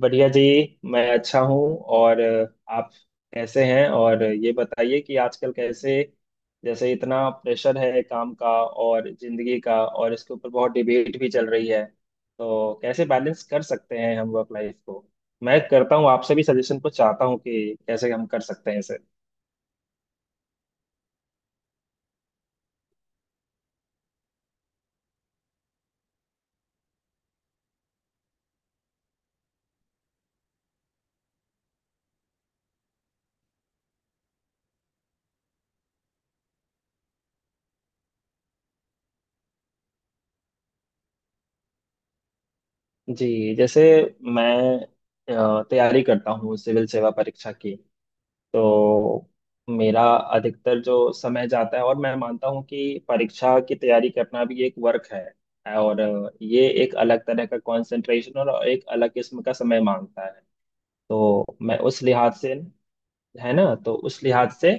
बढ़िया जी। मैं अच्छा हूँ, और आप कैसे हैं? और ये बताइए कि आजकल कैसे, जैसे इतना प्रेशर है काम का और जिंदगी का, और इसके ऊपर बहुत डिबेट भी चल रही है, तो कैसे बैलेंस कर सकते हैं हम वर्क लाइफ को? मैं करता हूँ, आपसे भी सजेशन को चाहता हूँ कि कैसे हम कर सकते हैं इसे। जी, जैसे मैं तैयारी करता हूँ सिविल सेवा परीक्षा की। तो मेरा अधिकतर जो समय जाता है, और मैं मानता हूँ कि परीक्षा की तैयारी करना भी एक वर्क है। और ये एक अलग तरह का कंसंट्रेशन और एक अलग किस्म का समय मांगता है। तो मैं उस लिहाज से, है ना, तो उस लिहाज से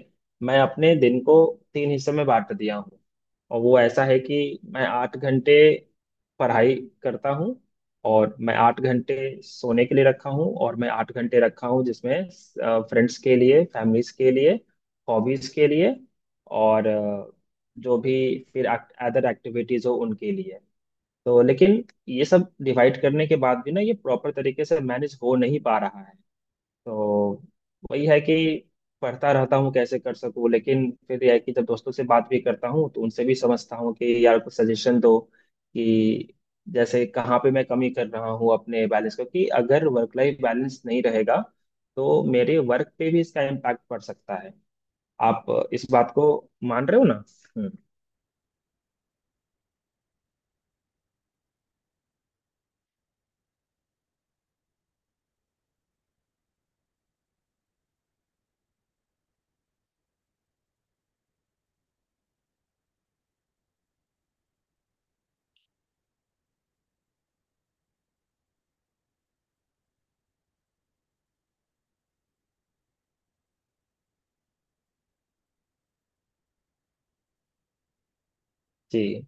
मैं अपने दिन को तीन हिस्सों में बांट दिया हूँ। और वो ऐसा है कि मैं 8 घंटे पढ़ाई करता हूँ, और मैं 8 घंटे सोने के लिए रखा हूँ, और मैं आठ घंटे रखा हूँ जिसमें फ्रेंड्स के लिए, फैमिलीज के लिए, हॉबीज के लिए, और जो भी फिर अदर एक्टिविटीज हो उनके लिए। तो लेकिन ये सब डिवाइड करने के बाद भी ना, ये प्रॉपर तरीके से मैनेज हो नहीं पा रहा है। तो वही है कि पढ़ता रहता हूँ कैसे कर सकूँ, लेकिन फिर यह है कि जब दोस्तों से बात भी करता हूँ तो उनसे भी समझता हूँ कि यार कुछ सजेशन दो कि जैसे कहाँ पे मैं कमी कर रहा हूँ अपने बैलेंस को। कि अगर वर्क लाइफ बैलेंस नहीं रहेगा तो मेरे वर्क पे भी इसका इम्पैक्ट पड़ सकता है। आप इस बात को मान रहे हो ना? हम्म, जी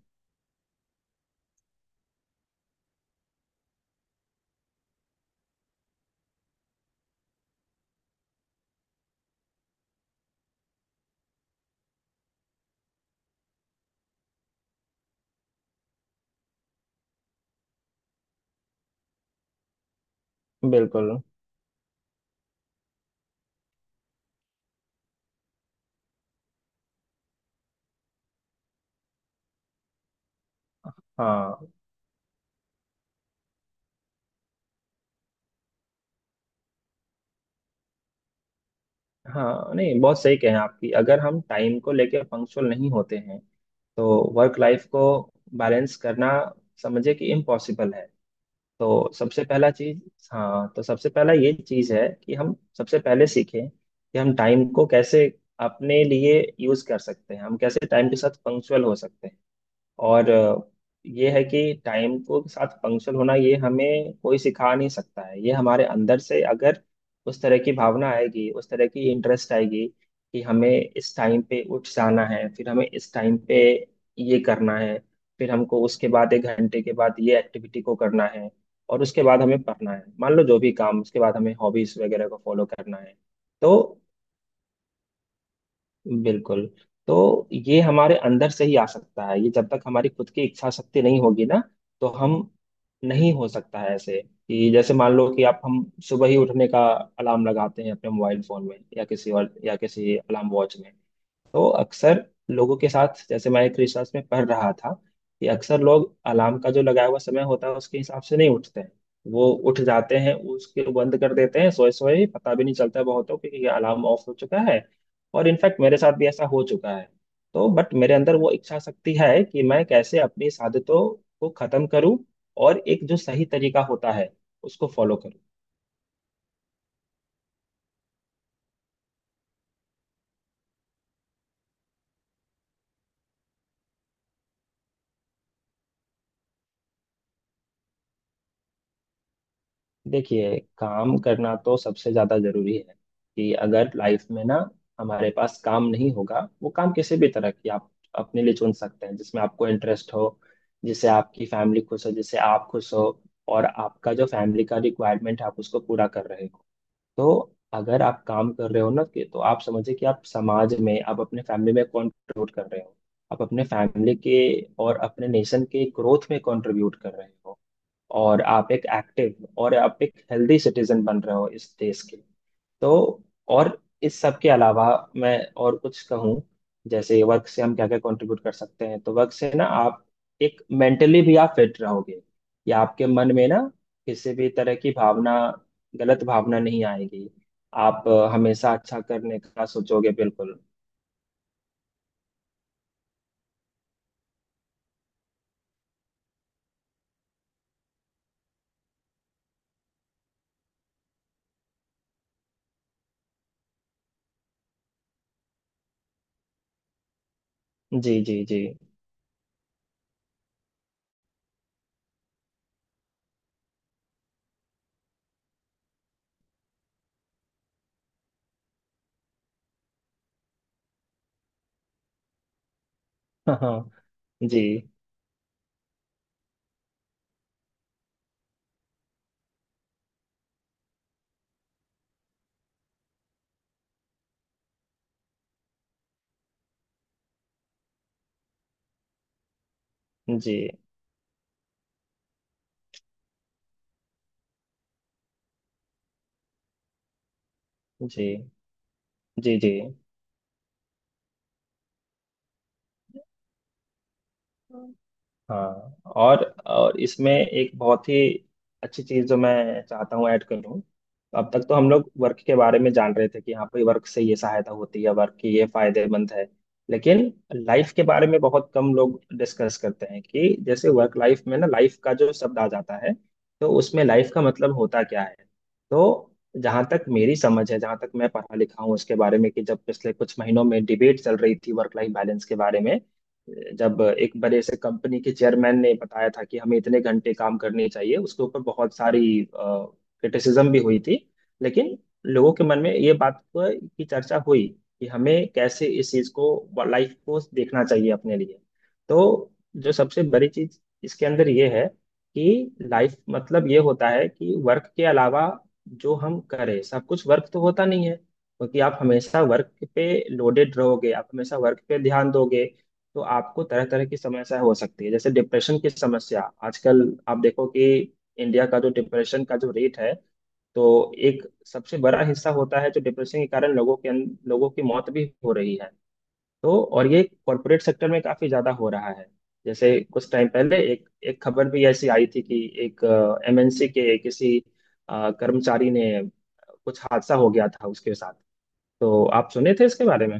बिल्कुल। हाँ। हाँ नहीं, बहुत सही कहें आपकी। अगर हम टाइम को लेके पंक्चुअल नहीं होते हैं तो वर्क लाइफ को बैलेंस करना, समझे कि इम्पॉसिबल है। तो सबसे पहला चीज, हाँ, तो सबसे पहला ये चीज है कि हम सबसे पहले सीखें कि हम टाइम को कैसे अपने लिए यूज कर सकते हैं, हम कैसे टाइम के साथ पंक्चुअल हो सकते हैं। और ये है कि टाइम को के साथ पंक्चुअल होना, ये हमें कोई सिखा नहीं सकता है। ये हमारे अंदर से अगर उस तरह की भावना आएगी, उस तरह की इंटरेस्ट आएगी, कि हमें इस टाइम पे उठ जाना है, फिर हमें इस टाइम पे ये करना है, फिर हमको उसके बाद 1 घंटे के बाद ये एक्टिविटी को करना है, और उसके बाद हमें पढ़ना है, मान लो जो भी काम, उसके बाद हमें हॉबीज वगैरह को फॉलो करना है। तो बिल्कुल। तो ये हमारे अंदर से ही आ सकता है, ये जब तक हमारी खुद की इच्छा शक्ति नहीं होगी ना तो हम, नहीं हो सकता है ऐसे। कि जैसे मान लो कि आप, हम सुबह ही उठने का अलार्म लगाते हैं अपने मोबाइल फोन में या किसी और या किसी अलार्म वॉच में, तो अक्सर लोगों के साथ, जैसे मैं एक रिसर्च में पढ़ रहा था कि अक्सर लोग अलार्म का जो लगाया हुआ समय होता है उसके हिसाब से नहीं उठते हैं। वो उठ जाते हैं, उसके बंद कर देते हैं, सोए सोए पता भी नहीं चलता है बहुतों को कि ये अलार्म ऑफ हो चुका है। और इनफैक्ट मेरे साथ भी ऐसा हो चुका है। तो बट मेरे अंदर वो इच्छा शक्ति है कि मैं कैसे अपनी इस आदतों को खत्म करूं, और एक जो सही तरीका होता है उसको फॉलो। देखिए, काम करना तो सबसे ज्यादा जरूरी है। कि अगर लाइफ में ना हमारे पास काम नहीं होगा, वो काम किसी भी तरह की आप अपने लिए चुन सकते हैं जिसमें आपको इंटरेस्ट हो, जिससे आपकी फैमिली खुश हो, जिससे आप खुश हो, और आपका जो फैमिली का रिक्वायरमेंट है आप उसको पूरा कर रहे हो। तो अगर आप काम कर रहे हो ना, कि तो आप समझिए कि आप समाज में, आप अपने फैमिली में कंट्रीब्यूट कर रहे हो। आप अपने फैमिली के और अपने नेशन के ग्रोथ में कंट्रीब्यूट कर रहे हो। और आप एक एक्टिव, और आप एक हेल्दी सिटीजन बन रहे हो इस देश के। तो, और इस सब के अलावा मैं और कुछ कहूँ, जैसे वर्क से हम क्या क्या कंट्रीब्यूट कर सकते हैं, तो वर्क से ना, आप एक मेंटली भी आप फिट रहोगे। या आपके मन में ना किसी भी तरह की भावना, गलत भावना नहीं आएगी। आप हमेशा अच्छा करने का सोचोगे, बिल्कुल। जी जी जी। हाँ हाँ, जी। जी जी जी जी हाँ, और इसमें एक बहुत ही अच्छी चीज़ जो मैं चाहता हूँ ऐड करूँ। अब तक तो हम लोग वर्क के बारे में जान रहे थे कि हाँ भाई, वर्क से ये सहायता होती है, वर्क की ये फायदेमंद है। लेकिन लाइफ के बारे में बहुत कम लोग डिस्कस करते हैं, कि जैसे वर्क लाइफ में ना, लाइफ का जो शब्द आ जाता है, तो उसमें लाइफ का मतलब होता क्या है? तो जहाँ तक मेरी समझ है, जहाँ तक मैं पढ़ा लिखा हूँ उसके बारे में, कि जब पिछले कुछ महीनों में डिबेट चल रही थी वर्क लाइफ बैलेंस के बारे में, जब एक बड़े से कंपनी के चेयरमैन ने बताया था कि हमें इतने घंटे काम करने चाहिए, उसके ऊपर बहुत सारी क्रिटिसिज्म भी हुई थी। लेकिन लोगों के मन में ये बात की चर्चा हुई, कि हमें कैसे इस चीज को, लाइफ को, देखना चाहिए अपने लिए। तो जो सबसे बड़ी चीज इसके अंदर ये है कि लाइफ मतलब ये होता है कि वर्क के अलावा जो हम करें, सब कुछ वर्क तो होता नहीं है, क्योंकि आप हमेशा वर्क पे लोडेड रहोगे, आप हमेशा वर्क पे ध्यान दोगे तो आपको तरह तरह की समस्या हो सकती है। जैसे डिप्रेशन की समस्या आजकल, आप देखो कि इंडिया का जो डिप्रेशन का जो रेट है, तो एक सबसे बड़ा हिस्सा होता है जो डिप्रेशन के कारण लोगों के लोगों की मौत भी हो रही है। तो, और ये कॉरपोरेट सेक्टर में काफी ज्यादा हो रहा है। जैसे कुछ टाइम पहले एक एक खबर भी ऐसी आई थी कि एक एमएनसी के किसी कर्मचारी ने, कुछ हादसा हो गया था उसके साथ। तो आप सुने थे इसके बारे में?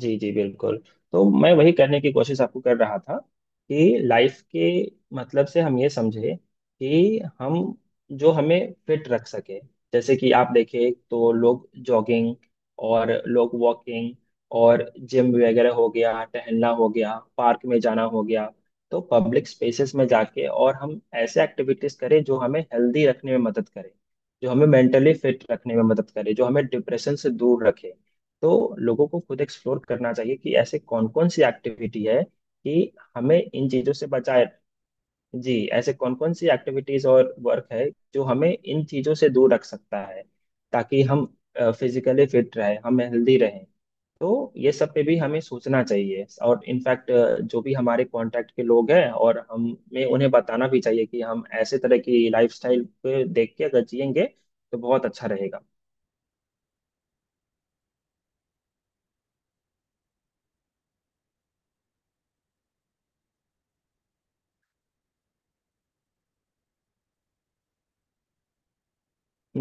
जी जी बिल्कुल। तो मैं वही करने की कोशिश आपको कर रहा था कि लाइफ के मतलब से हम ये समझे कि हम, जो हमें फिट रख सके, जैसे कि आप देखें तो लोग जॉगिंग, और लोग वॉकिंग, और जिम वगैरह हो गया, टहलना हो गया, पार्क में जाना हो गया। तो पब्लिक स्पेसेस में जाके और हम ऐसे एक्टिविटीज करें जो हमें हेल्दी रखने में मदद करे, जो हमें मेंटली फिट रखने में मदद करे, जो हमें डिप्रेशन से दूर रखे। तो लोगों को खुद एक्सप्लोर करना चाहिए कि ऐसे कौन कौन सी एक्टिविटी है कि हमें इन चीजों से बचाए। जी, ऐसे कौन कौन सी एक्टिविटीज और वर्क है जो हमें इन चीजों से दूर रख सकता है, ताकि हम फिजिकली फिट रहे, हम हेल्दी रहें। तो ये सब पे भी हमें सोचना चाहिए। और इनफैक्ट, जो भी हमारे कांटेक्ट के लोग हैं, और हमें उन्हें बताना भी चाहिए कि हम ऐसे तरह की लाइफस्टाइल पे देख के अगर जिएंगे तो बहुत अच्छा रहेगा।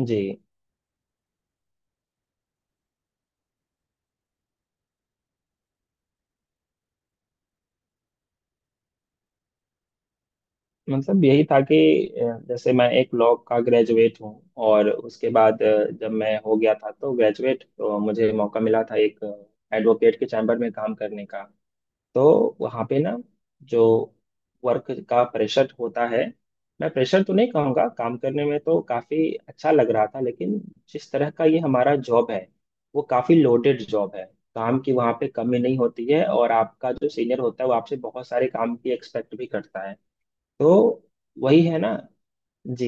जी, मतलब यही था कि जैसे मैं एक लॉ का ग्रेजुएट हूँ, और उसके बाद जब मैं हो गया था तो ग्रेजुएट, तो मुझे मौका मिला था एक एडवोकेट के चैम्बर में काम करने का। तो वहाँ पे ना, जो वर्क का प्रेशर होता है, मैं प्रेशर तो नहीं कहूँगा, काम करने में तो काफ़ी अच्छा लग रहा था, लेकिन जिस तरह का ये हमारा जॉब है, वो काफ़ी लोडेड जॉब है। काम की वहाँ पे कमी नहीं होती है, और आपका जो सीनियर होता है वो आपसे बहुत सारे काम की एक्सपेक्ट भी करता है। तो वही है ना। जी।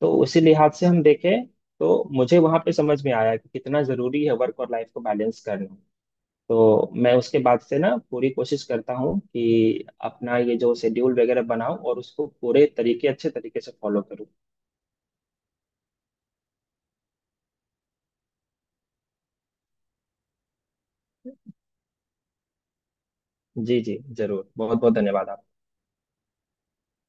तो उसी लिहाज से हम देखें तो मुझे वहां पे समझ में आया कि कितना जरूरी है वर्क और लाइफ को बैलेंस करना। तो मैं उसके बाद से ना पूरी कोशिश करता हूँ कि अपना ये जो शेड्यूल वगैरह बनाऊं और उसको पूरे तरीके अच्छे तरीके से फॉलो करूँ। जी जी जरूर, बहुत बहुत धन्यवाद आपका।